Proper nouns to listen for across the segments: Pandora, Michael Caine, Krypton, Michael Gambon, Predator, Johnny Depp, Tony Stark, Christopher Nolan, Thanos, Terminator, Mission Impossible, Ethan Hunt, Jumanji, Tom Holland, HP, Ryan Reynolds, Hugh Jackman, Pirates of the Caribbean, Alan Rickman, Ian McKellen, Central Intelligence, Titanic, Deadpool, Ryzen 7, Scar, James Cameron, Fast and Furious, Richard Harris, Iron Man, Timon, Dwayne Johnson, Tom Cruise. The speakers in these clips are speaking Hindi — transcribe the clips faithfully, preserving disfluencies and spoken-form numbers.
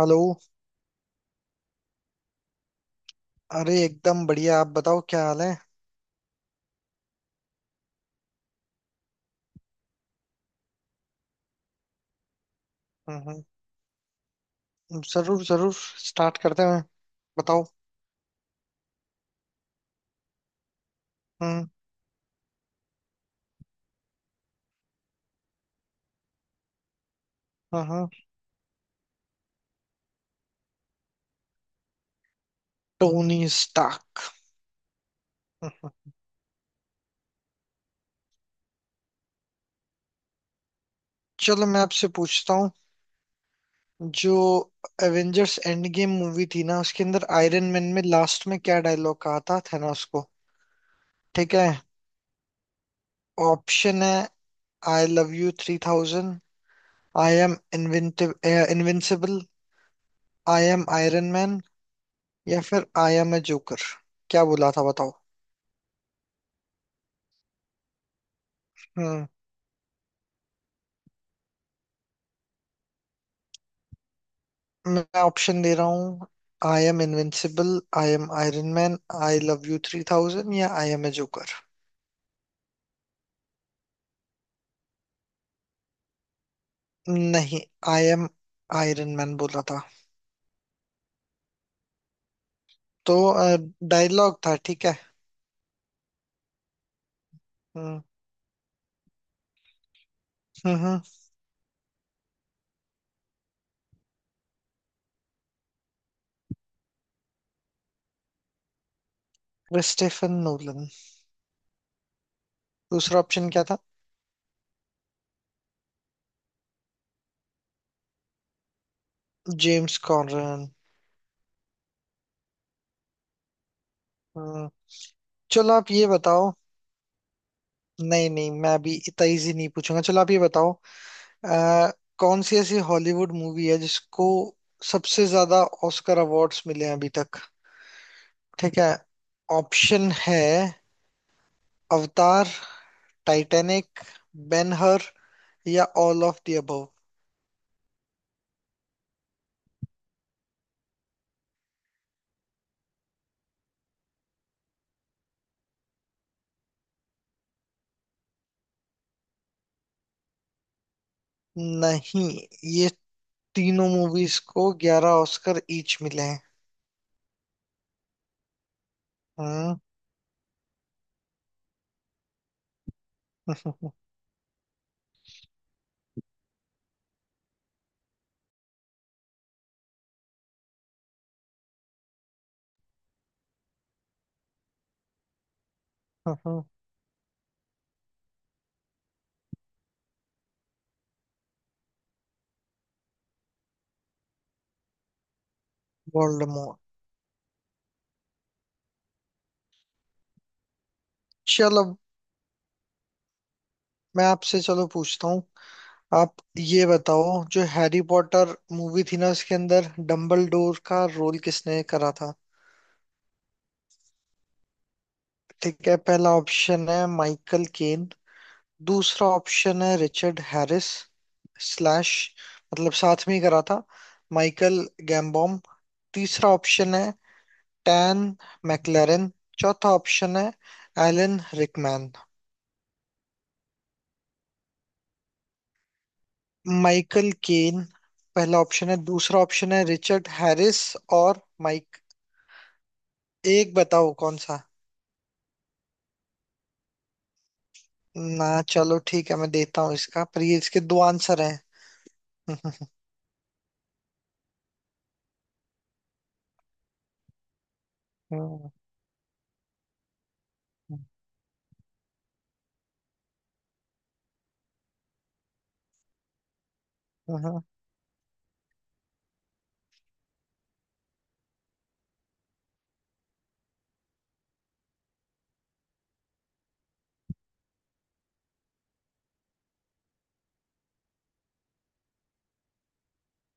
हेलो। अरे एकदम बढ़िया। आप बताओ क्या हाल है। हम्म, हम्म, जरूर जरूर। स्टार्ट करते हैं। बताओ। हम्म, हम्म, हम्म। Tony Stark. हम्म, हम्म। चलो मैं आपसे पूछता हूँ। जो एवेंजर्स एंड गेम मूवी थी ना उसके अंदर आयरन मैन में लास्ट में क्या डायलॉग कहा था थैनोस को? ठीक है, ऑप्शन है I love you three thousand, I am inventive invincible, I am Iron Man या फिर आई एम ए जोकर। क्या बोला था बताओ? हम्म। मैं ऑप्शन दे रहा हूँ। I am invincible, I am Iron Man, I love you three thousand या आई एम ए जोकर। नहीं, आई एम आयरन मैन बोला था, तो डायलॉग था, ठीक है। हम्म, हम्म। क्रिस्टेफन नोलन। दूसरा ऑप्शन क्या था? जेम्स कॉनरन। हम्म। चलो आप ये बताओ। नहीं नहीं, मैं अभी इतना इजी नहीं पूछूंगा। चलो आप ये बताओ, अ, कौन सी ऐसी हॉलीवुड मूवी है जिसको सबसे ज्यादा ऑस्कर अवार्ड्स मिले हैं अभी तक? ठीक है, ऑप्शन है अवतार, टाइटैनिक, बेनहर या ऑल ऑफ द अबव। नहीं, ये तीनों मूवीज को ग्यारह ऑस्कर ईच मिले हैं। हम्म। वोल्डेमॉर्ट। चलो मैं आपसे चलो पूछता हूँ। आप ये बताओ, जो हैरी पॉटर मूवी थी ना उसके अंदर डम्बलडोर का रोल किसने करा था? ठीक है, पहला ऑप्शन है माइकल केन, दूसरा ऑप्शन है रिचर्ड हैरिस स्लैश, मतलब साथ में ही करा था, माइकल गैम्बॉम। तीसरा ऑप्शन है टैन मैकलेरन। चौथा ऑप्शन है एलन रिकमैन। माइकल केन पहला ऑप्शन है, दूसरा ऑप्शन है रिचर्ड हैरिस और माइक एक बताओ कौन सा? ना। चलो ठीक है, मैं देता हूँ इसका पर ये इसके दो आंसर हैं।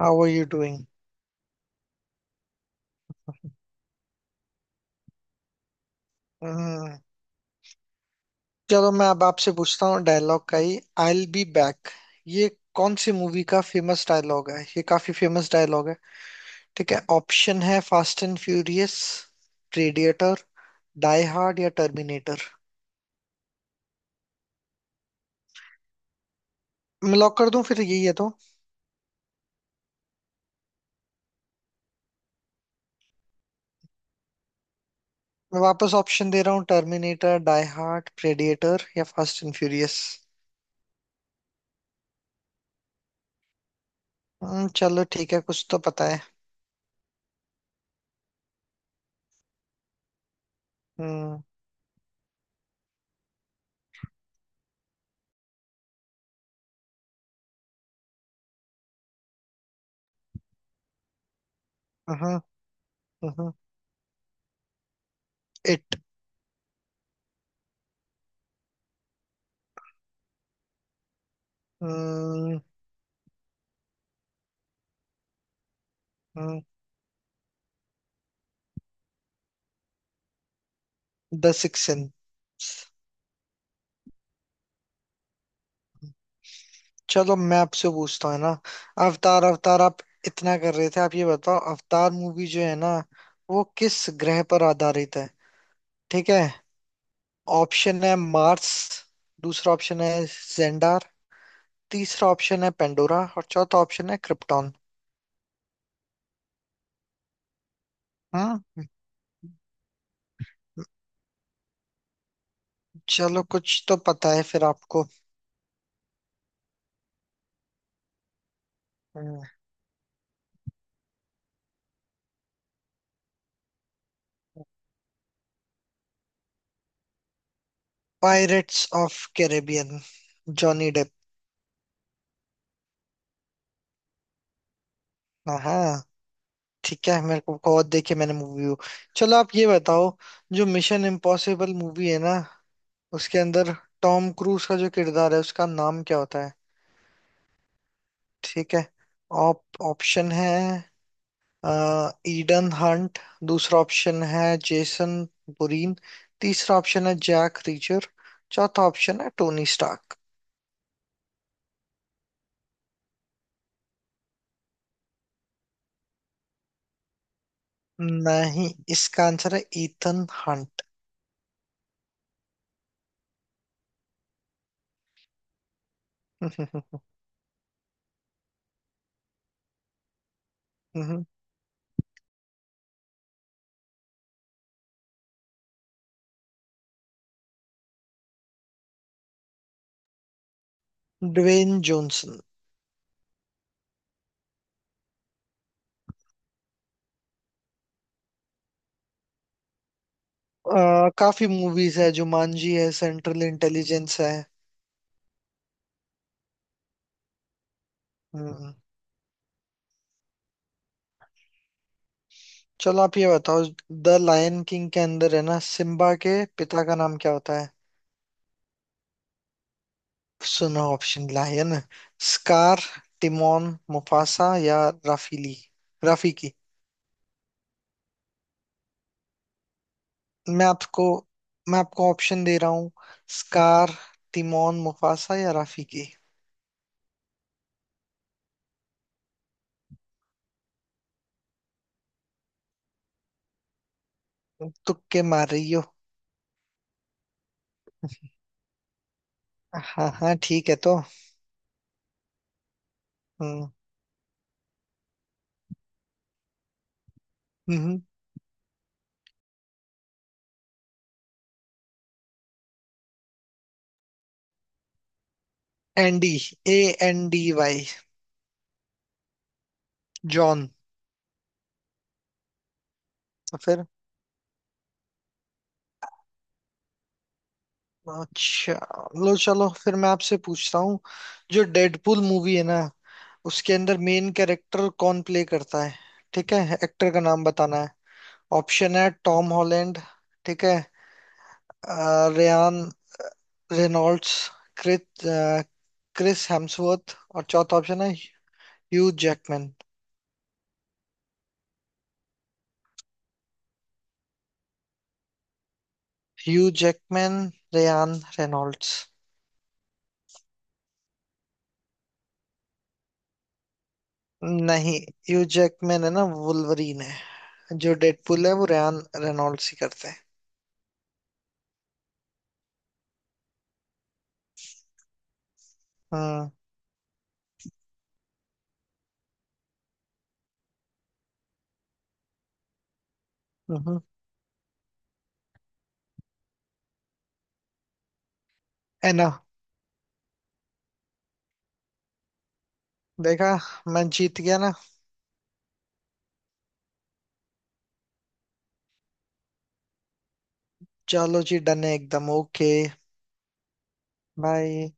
How are you doing. चलो मैं अब आपसे पूछता हूँ डायलॉग का ही। आई विल बी बैक, ये कौन सी मूवी का फेमस डायलॉग है? ये काफी फेमस डायलॉग है। ठीक है, ऑप्शन है Fast and Furious, Predator, Die Hard या टर्मिनेटर। मैं लॉक कर दूं फिर, यही है तो। मैं वापस ऑप्शन दे रहा हूँ। टर्मिनेटर, डाई हार्ड, प्रेडिएटर या फास्ट एंड फ्यूरियस। हम्म। चलो ठीक है, कुछ तो पता है। Hmm। हम्म, हम्म। इट। हम्म। हम्म, द सिक्स। चलो मैं आपसे पूछता हूँ, है ना? अवतार अवतार आप इतना कर रहे थे। आप ये बताओ, अवतार मूवी जो है ना, वो किस ग्रह पर आधारित है? ठीक है, ऑप्शन है मार्स, दूसरा ऑप्शन है जेंडार, तीसरा ऑप्शन है पेंडोरा और चौथा ऑप्शन है क्रिप्टॉन। हम्म। चलो कुछ तो पता है फिर आपको। Pirates of Caribbean. Johnny Depp. हाँ, ठीक है, मेरे को बहुत देखी मैंने मूवी वो। चलो आप ये बताओ, जो मिशन इम्पॉसिबल मूवी है ना उसके अंदर टॉम क्रूज का जो किरदार है उसका नाम क्या होता है? ठीक है, ऑप ऑप्शन है ईडन हंट। दूसरा ऑप्शन है जेसन बुरीन। तीसरा ऑप्शन है जैक रीचर। चौथा ऑप्शन है टोनी स्टार्क। नहीं, इसका आंसर है ईथन हंट। Dwayne Johnson. अ, काफी मूवीज है, जुमांजी है, सेंट्रल इंटेलिजेंस है। हम्म, चलो आप ये बताओ, द लायन किंग के अंदर है ना सिम्बा के पिता का नाम क्या होता है? सुनो option, lion, Scar, Timon, Mufasa या राफीली राफीकी। मैं आपको मैं आपको ऑप्शन दे रहा हूँ। स्कार, तिमोन, मुफासा या राफीकी। तुक्के मार रही हो? हाँ हाँ, ठीक है तो। हम्म। हम्म, Andy. A N D Y. John. तो फिर? अच्छा लो, चलो फिर मैं आपसे पूछता हूँ, जो डेडपूल मूवी है ना उसके अंदर मेन कैरेक्टर कौन प्ले करता है? ठीक है, एक्टर का नाम बताना है। ऑप्शन है टॉम हॉलैंड, ठीक है, अ, रेयान रेनॉल्ड्स, क्रिस अ, क्रिस हेम्सवर्थ और चौथा ऑप्शन है Hugh Jackman. Hugh Jackman, Ryan Reynolds. नहीं, ह्यू जैकमैन है ना वुल्वरीन है। जो डेडपूल है वो रेयान रेनॉल्ड्स ही करते हैं। हम्म। हम्म। है ना? देखा, मैं जीत गया ना? चलो जी, डन है एकदम, ओके बाय।